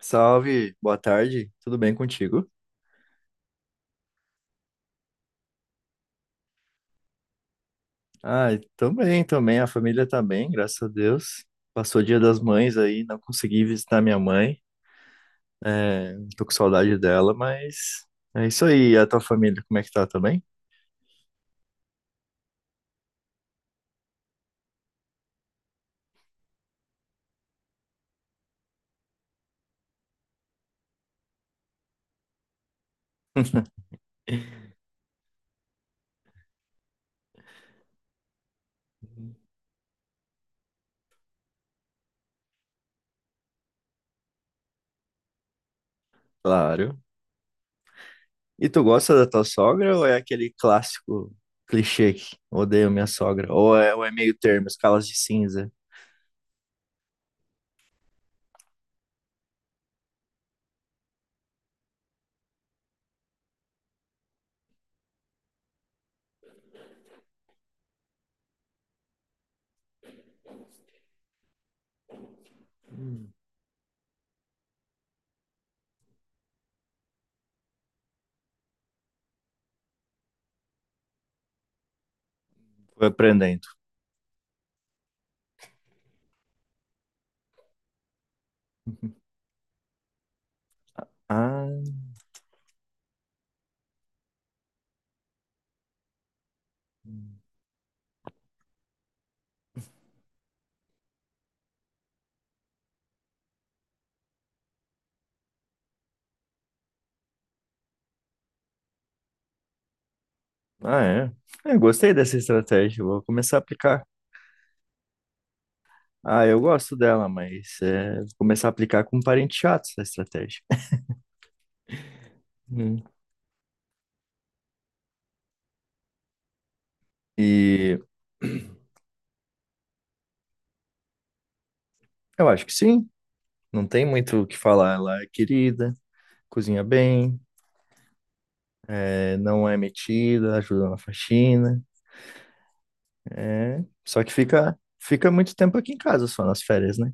Salve, boa tarde, tudo bem contigo? Ah, também, também, a família tá bem, graças a Deus. Passou o Dia das Mães aí, não consegui visitar minha mãe, é, tô com saudade dela, mas é isso aí. E a tua família, como é que tá, também? Claro. E tu gosta da tua sogra ou é aquele clássico clichê que odeio minha sogra? Ou é meio termo, escalas de cinza? Fui aprendendo. Ah, ah, é. É, gostei dessa estratégia, vou começar a aplicar. Ah, eu gosto dela, mas é, vou começar a aplicar com parente chato essa estratégia. Hum. E eu acho que sim, não tem muito o que falar. Ela é querida, cozinha bem, é, não é metida, ajuda na faxina. É, só que fica muito tempo aqui em casa só nas férias, né?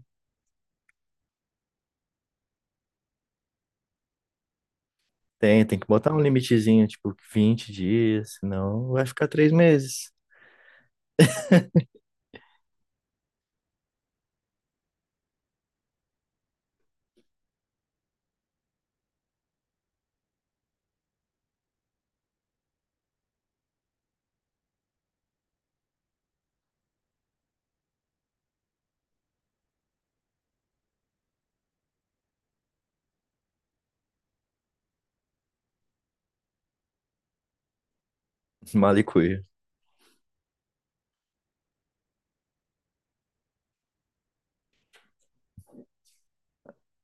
Tem que botar um limitezinho, tipo 20 dias, senão vai ficar 3 meses. Malicuia.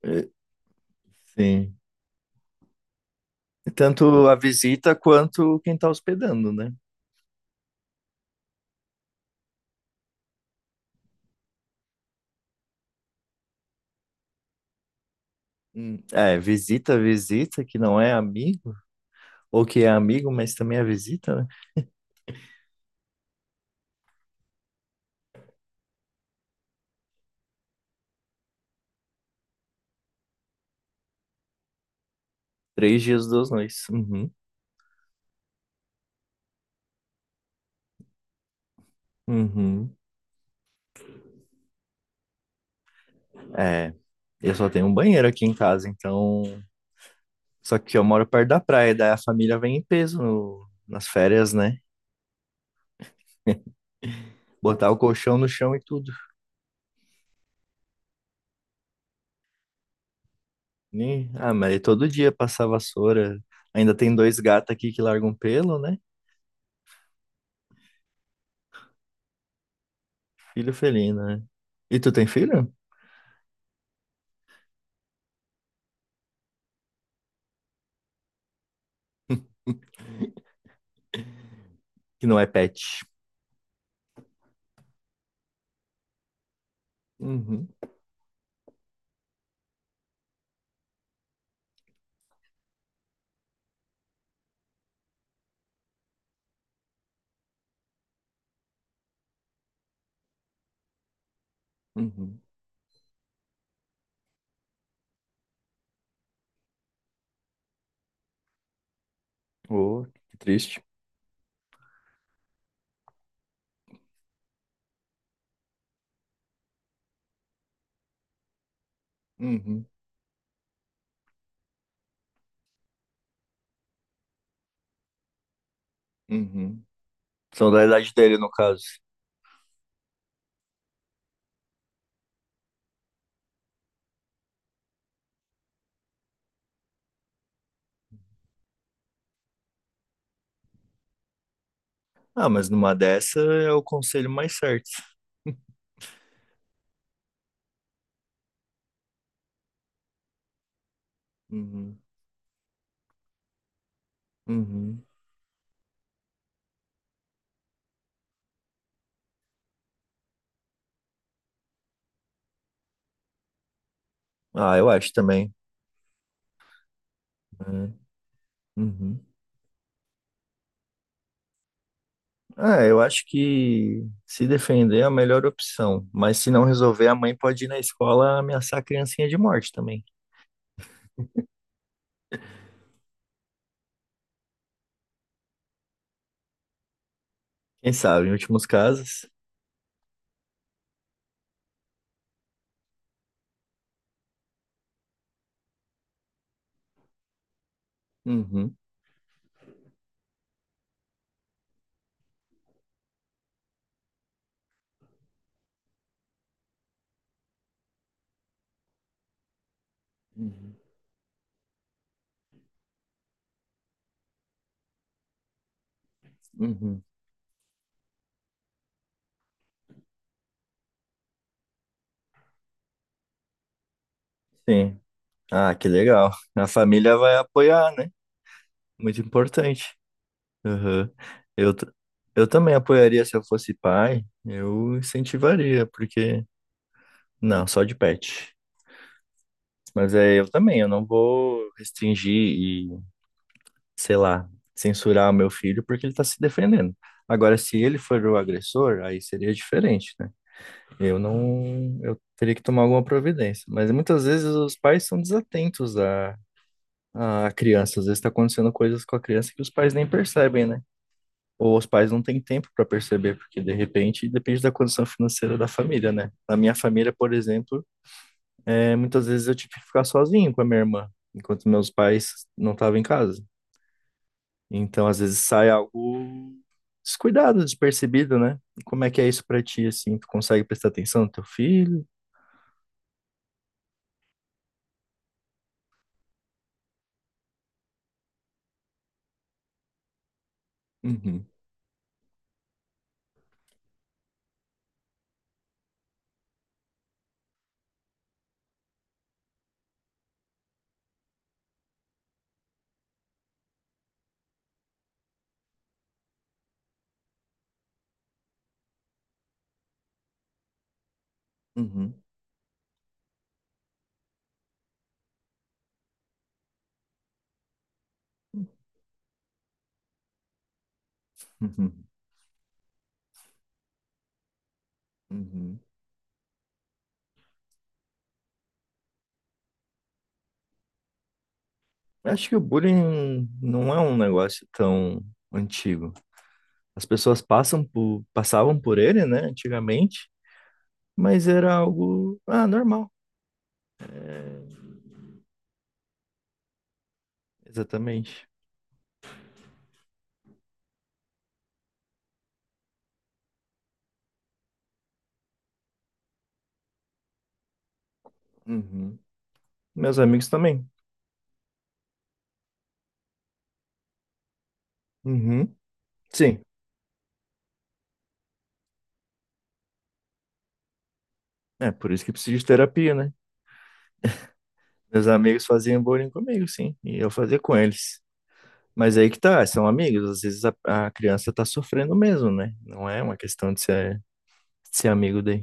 É, sim. Tanto a visita quanto quem tá hospedando, né? É, visita, visita, que não é amigo, ou que é amigo, mas também é visita, né? 3 dias, 2 noites. Uhum, uhum. É, eu só tenho um banheiro aqui em casa, então. Só que eu moro perto da praia, daí a família vem em peso nas férias, né? Botar o colchão no chão e tudo. Ih, ah, mas todo dia passar vassoura. Ainda tem dois gatos aqui que largam pelo, né? Filho felino, né? E tu tem filho? Que não é pet. Uhum, uhum. Oh, que triste. Uhum. Uhum. São da idade dele, no caso. Ah, mas numa dessa é o conselho mais certo. Uhum. Uhum. Ah, eu acho também, né? Uhum. Ah, eu acho que se defender é a melhor opção. Mas se não resolver, a mãe pode ir na escola ameaçar a criancinha de morte também. Quem sabe, em últimos casos. Uhum. Uhum. Uhum. Sim. Ah, que legal. A família vai apoiar, né? Muito importante. Aham. Eu, t- eu também apoiaria se eu fosse pai, eu incentivaria, porque. Não, só de pet. Mas é, eu também, eu não vou restringir e, sei lá, censurar o meu filho porque ele tá se defendendo. Agora, se ele for o agressor, aí seria diferente, né? Eu não. Eu teria que tomar alguma providência. Mas muitas vezes os pais são desatentos à criança. Às vezes está acontecendo coisas com a criança que os pais nem percebem, né? Ou os pais não têm tempo para perceber, porque de repente depende da condição financeira da família, né? Na minha família, por exemplo, é, muitas vezes eu tive que ficar sozinho com a minha irmã, enquanto meus pais não estavam em casa. Então, às vezes sai algo descuidado, despercebido, né? Como é que é isso para ti, assim? Tu consegue prestar atenção no teu filho? Uhum, uhum, uhum, uhum. Acho que o bullying não é um negócio tão antigo. As pessoas passam por, passavam por ele, né, antigamente, mas era algo, ah, normal. Exatamente. Uhum. Meus amigos também. Uhum. Sim. É por isso que preciso de terapia, né? Meus amigos faziam bullying comigo, sim, e eu fazia com eles. Mas aí que tá, são amigos, às vezes a criança tá sofrendo mesmo, né? Não é uma questão de ser amigo daí.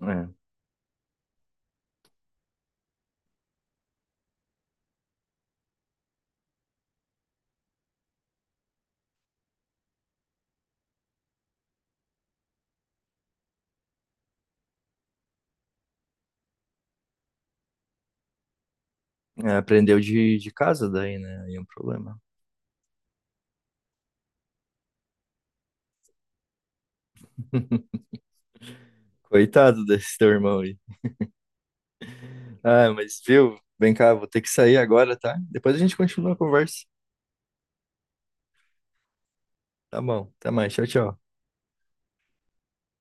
É. É, aprendeu de casa daí, né? Aí é um problema. Coitado desse teu irmão aí. Ah, mas viu? Vem cá, vou ter que sair agora, tá? Depois a gente continua a conversa. Tá bom, até mais. Tchau, tchau.